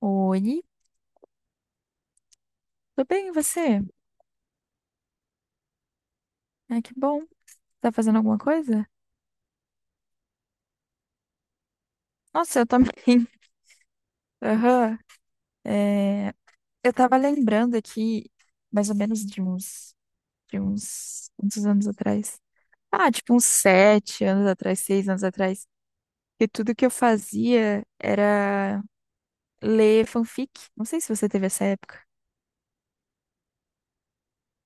Oi, tudo bem, e você? Ah, que bom. Tá fazendo alguma coisa? Nossa, eu também. Aham. É, eu tava lembrando aqui, mais ou menos de uns, quantos anos atrás? Ah, tipo uns 7 anos atrás, 6 anos atrás. Que tudo que eu fazia era ler fanfic. Não sei se você teve essa época.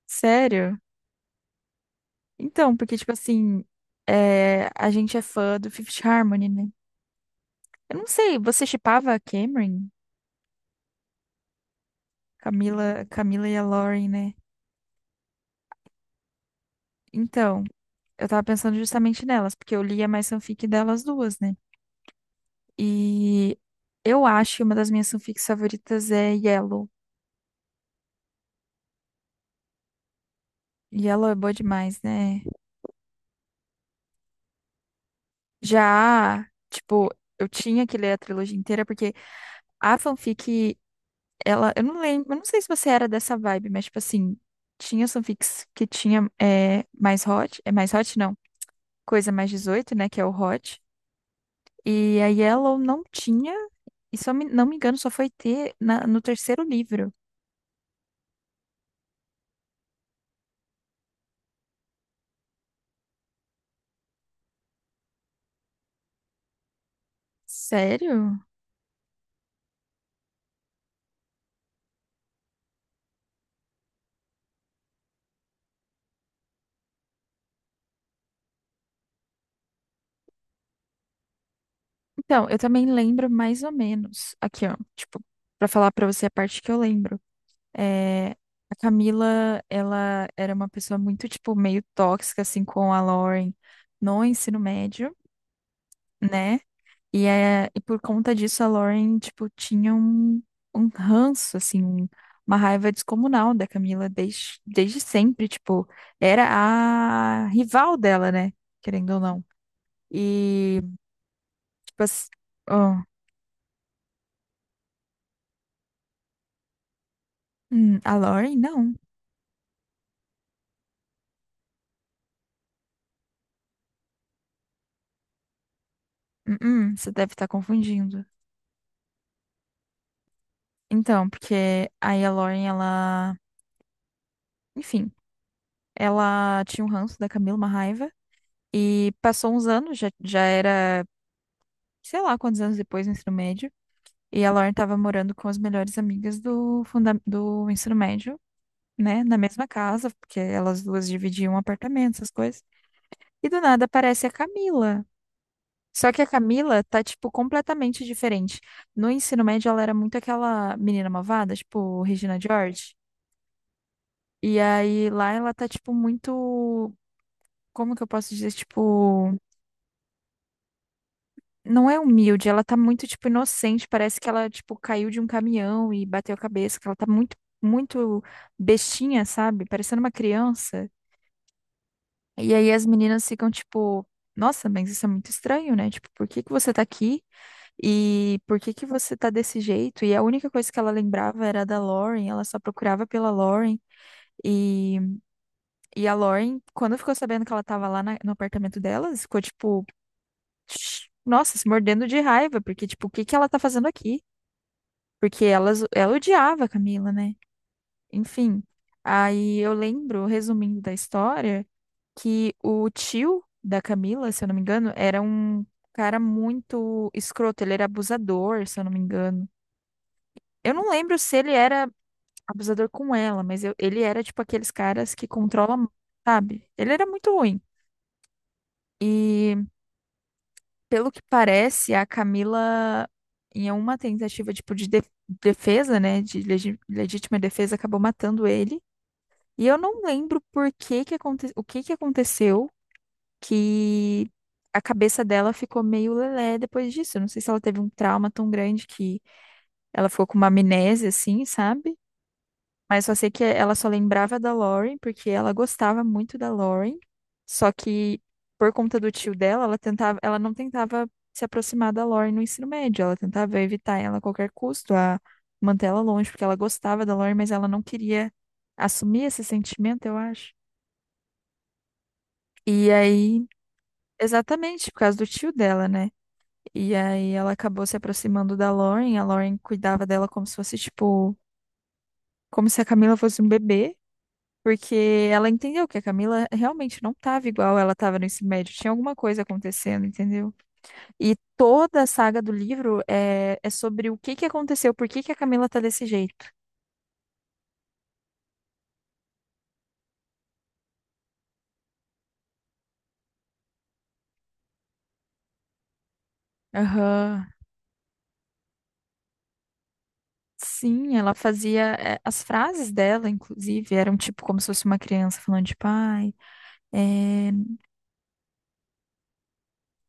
Sério? Então, porque, tipo assim, a gente é fã do Fifth Harmony, né? Eu não sei, você shippava a Cameron? Camila, e a Lauren, né? Então, eu tava pensando justamente nelas, porque eu lia mais fanfic delas duas, né? E eu acho que uma das minhas fanfics favoritas é Yellow. Yellow é boa demais, né? Já, tipo, eu tinha que ler a trilogia inteira, porque a fanfic, ela, eu não lembro, eu não sei se você era dessa vibe, mas, tipo assim, tinha as fanfics que tinha mais hot, é mais hot não, coisa mais 18, né, que é o hot. E a Yellow não tinha. E não me engano, só foi ter no terceiro livro. Sério? Então, eu também lembro mais ou menos. Aqui, ó. Tipo, pra falar pra você a parte que eu lembro. É, a Camila, ela era uma pessoa muito, tipo, meio tóxica, assim, com a Lauren no ensino médio, né? E, e por conta disso, a Lauren, tipo, tinha um ranço, assim, uma raiva descomunal da Camila desde sempre, tipo, era a rival dela, né? Querendo ou não. E, tipo, assim, ó, a Lauren, não. Você deve estar confundindo. Então, porque aí a Lauren, ela, enfim, ela tinha um ranço da Camila, uma raiva, e passou uns anos, já era, sei lá quantos anos depois, no ensino médio. E a Lauren estava morando com as melhores amigas do, funda do ensino médio, né? Na mesma casa, porque elas duas dividiam um apartamento, essas coisas. E do nada aparece a Camila. Só que a Camila tá, tipo, completamente diferente. No ensino médio, ela era muito aquela menina malvada, tipo, Regina George. E aí lá ela tá, tipo, muito. Como que eu posso dizer? Tipo. Não é humilde, ela tá muito, tipo, inocente. Parece que ela, tipo, caiu de um caminhão e bateu a cabeça, que ela tá muito, muito bestinha, sabe? Parecendo uma criança. E aí as meninas ficam, tipo, nossa, mas isso é muito estranho, né? Tipo, por que que você tá aqui? E por que que você tá desse jeito? E a única coisa que ela lembrava era da Lauren, ela só procurava pela Lauren. E, e a Lauren, quando ficou sabendo que ela tava lá no apartamento delas, ficou, tipo, nossa, se mordendo de raiva, porque, tipo, o que que ela tá fazendo aqui? Porque elas, ela odiava a Camila, né? Enfim. Aí eu lembro, resumindo da história, que o tio da Camila, se eu não me engano, era um cara muito escroto. Ele era abusador, se eu não me engano. Eu não lembro se ele era abusador com ela, mas eu- ele era tipo aqueles caras que controlam, sabe? Ele era muito ruim. E pelo que parece, a Camila, em uma tentativa tipo defesa, né, de legítima defesa, acabou matando ele. E eu não lembro por que que aconte... o que que aconteceu que a cabeça dela ficou meio lelé depois disso. Eu não sei se ela teve um trauma tão grande que ela ficou com uma amnésia, assim, sabe? Mas só sei que ela só lembrava da Lauren porque ela gostava muito da Lauren. Só que por conta do tio dela, ela tentava, ela não tentava se aproximar da Lauren no ensino médio. Ela tentava evitar ela a qualquer custo, a manter ela longe, porque ela gostava da Lauren, mas ela não queria assumir esse sentimento, eu acho. E aí, exatamente, por causa do tio dela, né? E aí ela acabou se aproximando da Lauren, a Lauren cuidava dela como se fosse, tipo, como se a Camila fosse um bebê, porque ela entendeu que a Camila realmente não tava igual ela tava no ensino médio, tinha alguma coisa acontecendo, entendeu? E toda a saga do livro é sobre o que que aconteceu, por que que a Camila tá desse jeito. Aham. Sim, ela fazia. As frases dela, inclusive, eram tipo como se fosse uma criança falando, de pai é,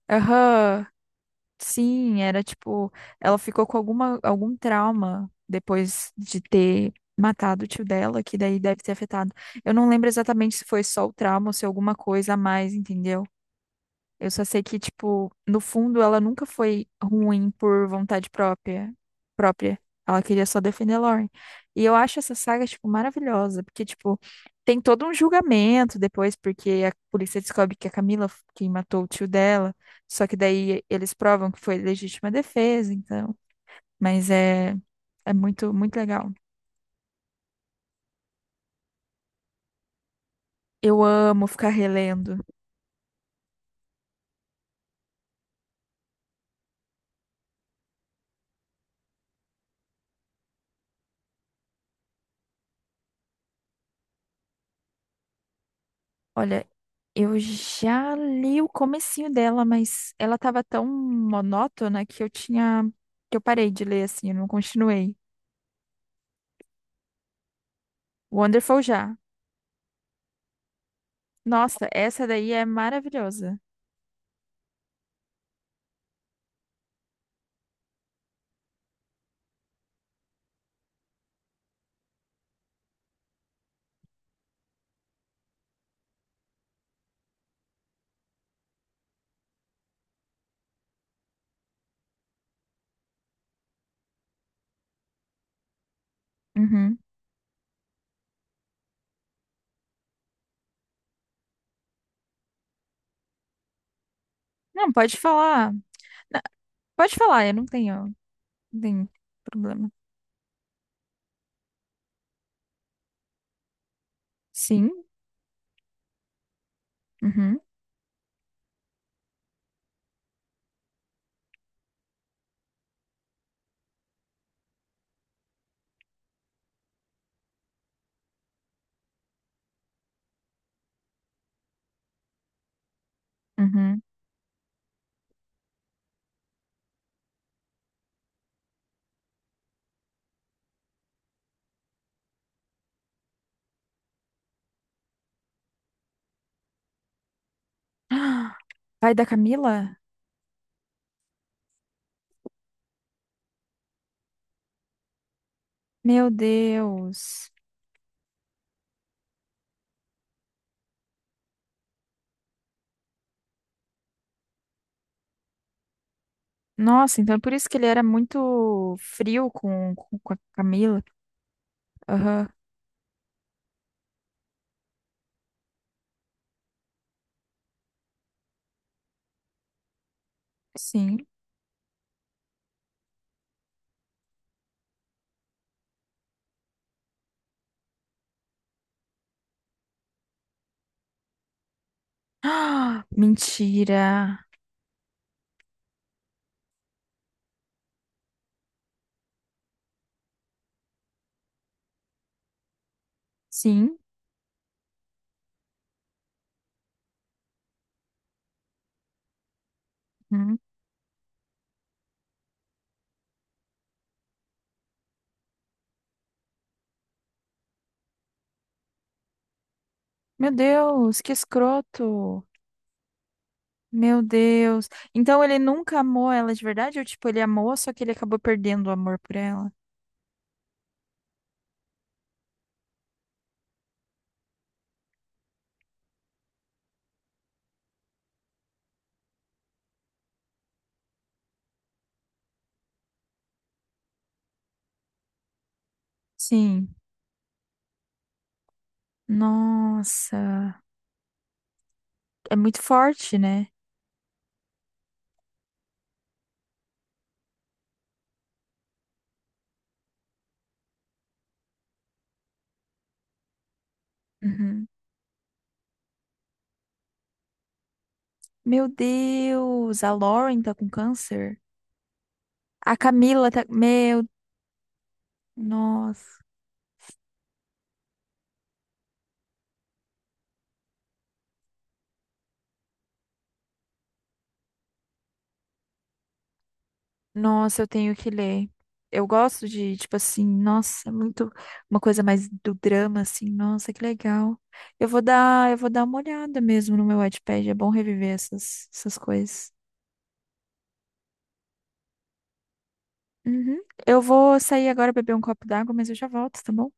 Aham. Sim, era tipo, ela ficou com alguma, algum trauma depois de ter matado o tio dela, que daí deve ter afetado. Eu não lembro exatamente se foi só o trauma ou se alguma coisa a mais, entendeu? Eu só sei que, tipo, no fundo ela nunca foi ruim por vontade própria. Ela queria só defender a Lauren. E eu acho essa saga, tipo, maravilhosa, porque, tipo, tem todo um julgamento depois, porque a polícia descobre que a Camila quem matou o tio dela, só que daí eles provam que foi legítima defesa, então. Mas é muito, muito legal. Eu amo ficar relendo. Olha, eu já li o comecinho dela, mas ela tava tão monótona que eu parei de ler assim, eu não continuei. Wonderful já. Nossa, essa daí é maravilhosa. Uhum. Não, pode falar. Na- Pode falar, eu não tenho problema. Sim. Uhum. Uhum. Ah, Pai da Camila? Meu Deus. Nossa, então é por isso que ele era muito frio com a Camila. Aham, sim. Ah, mentira. Sim. Hum. Meu Deus, que escroto. Meu Deus. Então ele nunca amou ela de verdade? Ou tipo, ele amou, só que ele acabou perdendo o amor por ela? Sim. Nossa. É muito forte, né? Uhum. Meu Deus, a Lauren tá com câncer? A Camila tá. Meu, nossa. Nossa, eu tenho que ler. Eu gosto de, tipo assim, nossa, é muito uma coisa mais do drama, assim, nossa, que legal. Eu vou dar uma olhada mesmo no meu Wattpad, é bom reviver essas coisas. Uhum. Eu vou sair agora beber um copo d'água, mas eu já volto, tá bom?